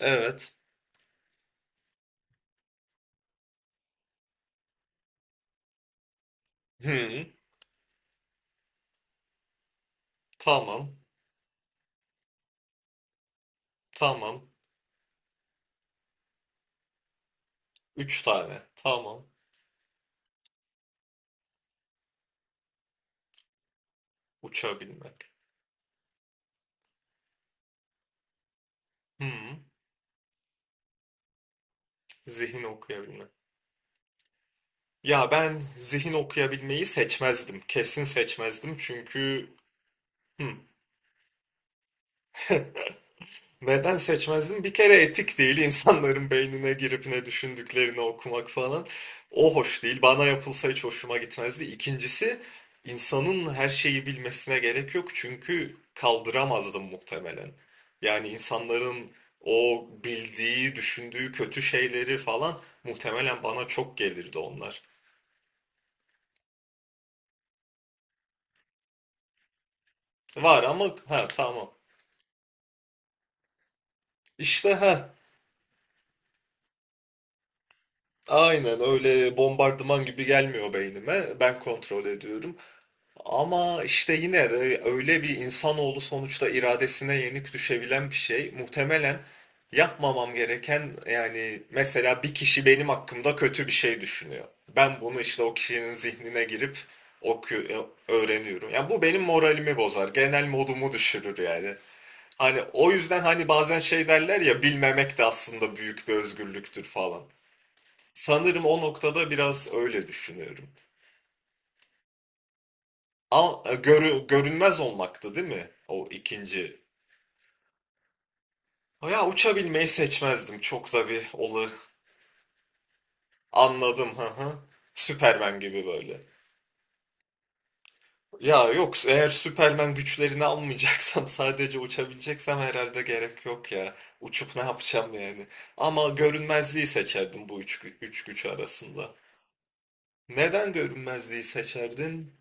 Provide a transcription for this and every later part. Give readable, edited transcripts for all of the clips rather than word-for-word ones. Evet. Hı. Tamam. Tamam. Üç tane. Tamam. Uçabilmek. Hı. Zihin okuyabilmek. Ya ben zihin okuyabilmeyi seçmezdim. Kesin seçmezdim çünkü hı. Neden seçmezdim? Bir kere etik değil, insanların beynine girip ne düşündüklerini okumak falan. O hoş değil. Bana yapılsa hiç hoşuma gitmezdi. İkincisi, insanın her şeyi bilmesine gerek yok, çünkü kaldıramazdım muhtemelen. Yani insanların o bildiği, düşündüğü kötü şeyleri falan muhtemelen bana çok gelirdi onlar. Var ama ha, tamam. İşte ha, aynen öyle bombardıman gibi gelmiyor beynime. Ben kontrol ediyorum. Ama işte yine de öyle bir, insanoğlu sonuçta iradesine yenik düşebilen bir şey. Muhtemelen yapmamam gereken, yani mesela bir kişi benim hakkımda kötü bir şey düşünüyor. Ben bunu işte o kişinin zihnine girip öğreniyorum. Yani bu benim moralimi bozar, genel modumu düşürür yani. Hani o yüzden hani bazen şey derler ya, bilmemek de aslında büyük bir özgürlüktür falan. Sanırım o noktada biraz öyle düşünüyorum. Al, görünmez olmaktı değil mi? O ikinci. Ya uçabilmeyi seçmezdim. Çok da bir olay. Anladım. Hı hı. Süpermen gibi böyle. Ya yok, eğer Süpermen güçlerini almayacaksam sadece uçabileceksem herhalde gerek yok ya. Uçup ne yapacağım yani. Ama görünmezliği seçerdim bu üç güç arasında. Neden görünmezliği seçerdin?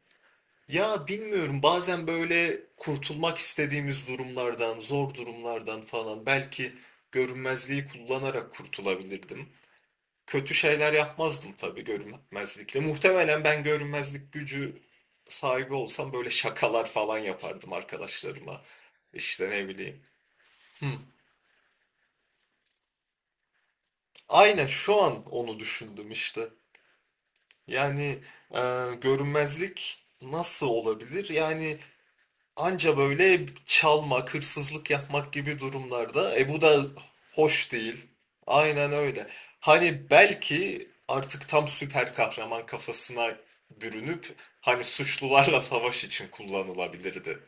Ya bilmiyorum, bazen böyle kurtulmak istediğimiz durumlardan, zor durumlardan falan belki görünmezliği kullanarak kurtulabilirdim. Kötü şeyler yapmazdım tabii görünmezlikle. Muhtemelen ben görünmezlik gücü sahibi olsam böyle şakalar falan yapardım arkadaşlarıma. İşte ne bileyim. Hı. Aynen şu an onu düşündüm işte. Yani e, görünmezlik nasıl olabilir? Yani anca böyle çalmak, hırsızlık yapmak gibi durumlarda. E bu da hoş değil. Aynen öyle. Hani belki artık tam süper kahraman kafasına bürünüp hani suçlularla savaş için kullanılabilirdi.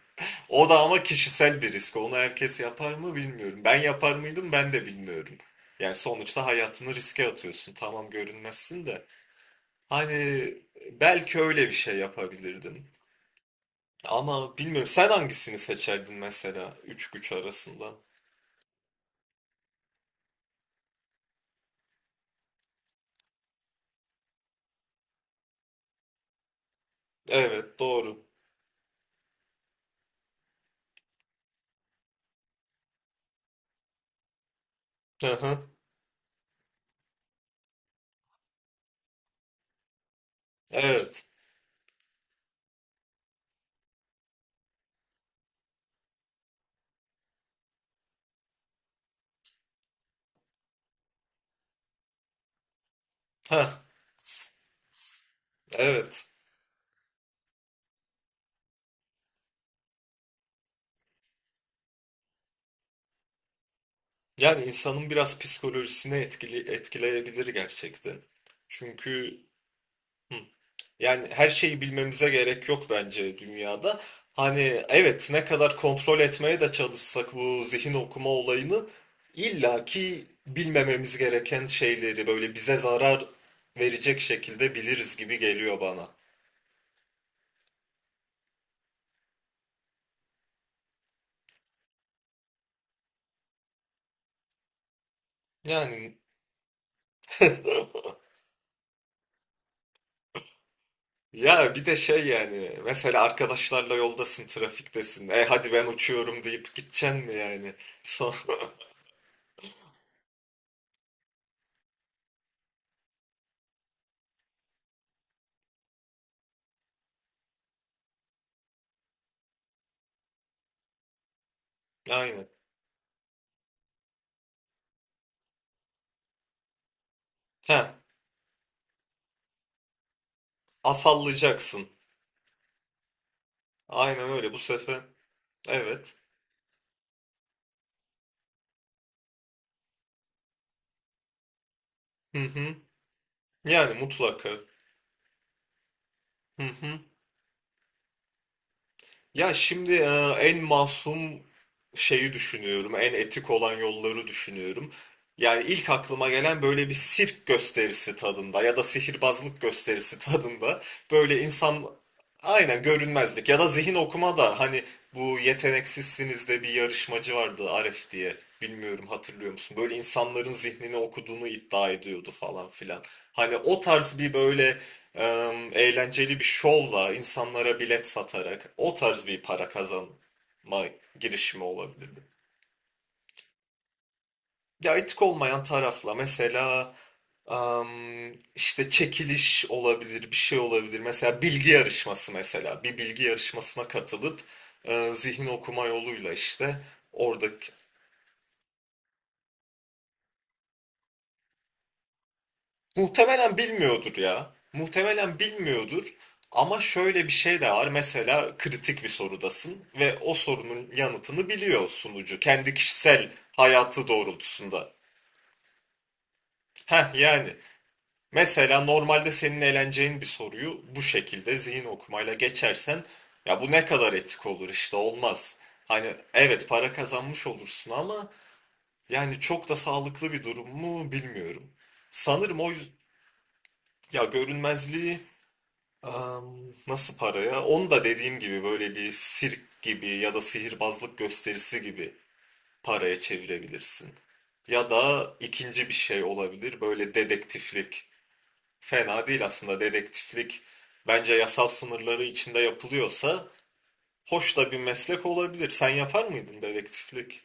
O da ama kişisel bir risk. Onu herkes yapar mı bilmiyorum. Ben yapar mıydım ben de bilmiyorum. Yani sonuçta hayatını riske atıyorsun. Tamam görünmezsin de. Hani belki öyle bir şey yapabilirdin. Ama bilmiyorum, sen hangisini seçerdin mesela üç güç arasında? Evet doğru. Hı hı. Evet. Ha evet. Yani insanın biraz psikolojisine etkileyebilir gerçekten. Çünkü hı, yani her şeyi bilmemize gerek yok bence dünyada. Hani evet, ne kadar kontrol etmeye de çalışsak bu zihin okuma olayını, illaki bilmememiz gereken şeyleri böyle bize zarar verecek şekilde biliriz gibi geliyor bana. Yani ya bir de şey, yani mesela arkadaşlarla yoldasın, trafiktesin. E hadi ben uçuyorum deyip gideceksin mi yani? Son... Aynen. Ha, afallayacaksın. Aynen öyle bu sefer. Evet. Hı hı. Yani mutlaka. Hı hı. Ya şimdi en masum şeyi düşünüyorum, en etik olan yolları düşünüyorum. Yani ilk aklıma gelen böyle bir sirk gösterisi tadında ya da sihirbazlık gösterisi tadında, böyle insan aynen görünmezlik ya da zihin okuma da hani bu yeteneksizsiniz de bir yarışmacı vardı, Aref diye, bilmiyorum hatırlıyor musun? Böyle insanların zihnini okuduğunu iddia ediyordu falan filan. Hani o tarz bir böyle eğlenceli bir şovla insanlara bilet satarak o tarz bir para kazanma girişimi olabilirdi. Ya etik olmayan tarafla mesela işte çekiliş olabilir, bir şey olabilir. Mesela bilgi yarışması, mesela bir bilgi yarışmasına katılıp zihin okuma yoluyla işte orada, muhtemelen bilmiyordur ya. Muhtemelen bilmiyordur. Ama şöyle bir şey de var. Mesela kritik bir sorudasın ve o sorunun yanıtını biliyor sunucu. Kendi kişisel hayatı doğrultusunda. Heh yani. Mesela normalde senin eğleneceğin bir soruyu bu şekilde zihin okumayla geçersen, ya bu ne kadar etik olur işte, olmaz. Hani evet, para kazanmış olursun ama yani çok da sağlıklı bir durum mu bilmiyorum. Sanırım o yüz- ya görünmezliği, nasıl para ya? Onu da dediğim gibi böyle bir sirk gibi ya da sihirbazlık gösterisi gibi paraya çevirebilirsin. Ya da ikinci bir şey olabilir, böyle dedektiflik. Fena değil aslında dedektiflik. Bence yasal sınırları içinde yapılıyorsa hoş da bir meslek olabilir. Sen yapar mıydın dedektiflik?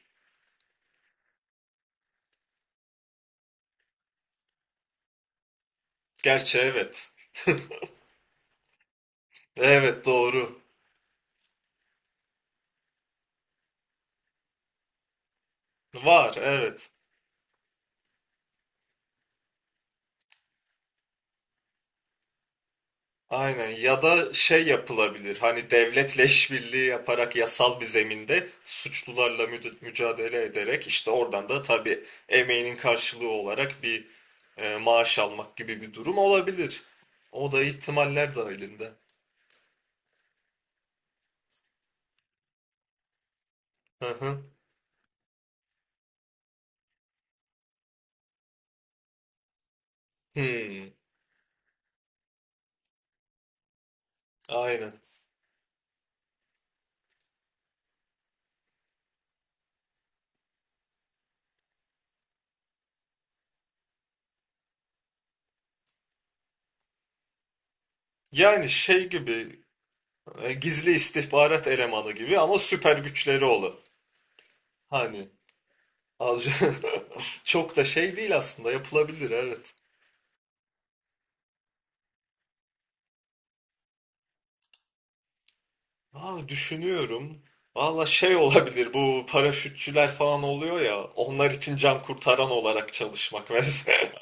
Gerçi evet. Evet doğru. Var evet. Aynen, ya da şey yapılabilir hani devletle işbirliği yaparak yasal bir zeminde suçlularla mücadele ederek, işte oradan da tabii emeğinin karşılığı olarak bir maaş almak gibi bir durum olabilir. O da ihtimaller dahilinde. Hı hı. Hmm, aynen. Yani şey gibi, gizli istihbarat elemanı gibi ama süper güçleri olan. Hani az çok da şey değil aslında, yapılabilir evet. Aa, düşünüyorum. Valla şey olabilir, bu paraşütçüler falan oluyor ya, onlar için can kurtaran olarak çalışmak mesela.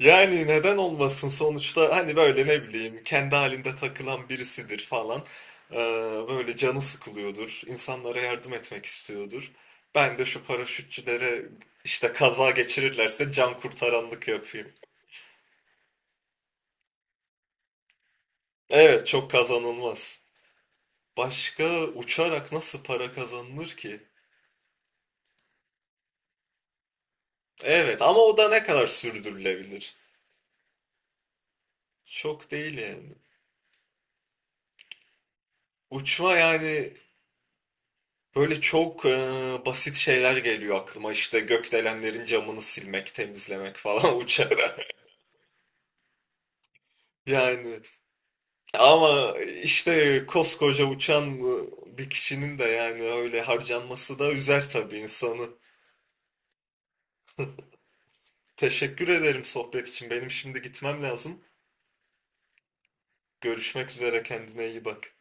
Yani neden olmasın, sonuçta hani böyle ne bileyim kendi halinde takılan birisidir falan. Ee, böyle canı sıkılıyordur. İnsanlara yardım etmek istiyordur. Ben de şu paraşütçülere işte kaza geçirirlerse can kurtaranlık yapayım. Evet çok kazanılmaz. Başka uçarak nasıl para kazanılır ki? Evet ama o da ne kadar sürdürülebilir? Çok değil yani. Uçma yani böyle çok basit şeyler geliyor aklıma. İşte gökdelenlerin camını silmek, temizlemek falan uçarak. Yani ama işte koskoca uçan bir kişinin de yani öyle harcanması da üzer tabii insanı. Teşekkür ederim sohbet için. Benim şimdi gitmem lazım. Görüşmek üzere, kendine iyi bak.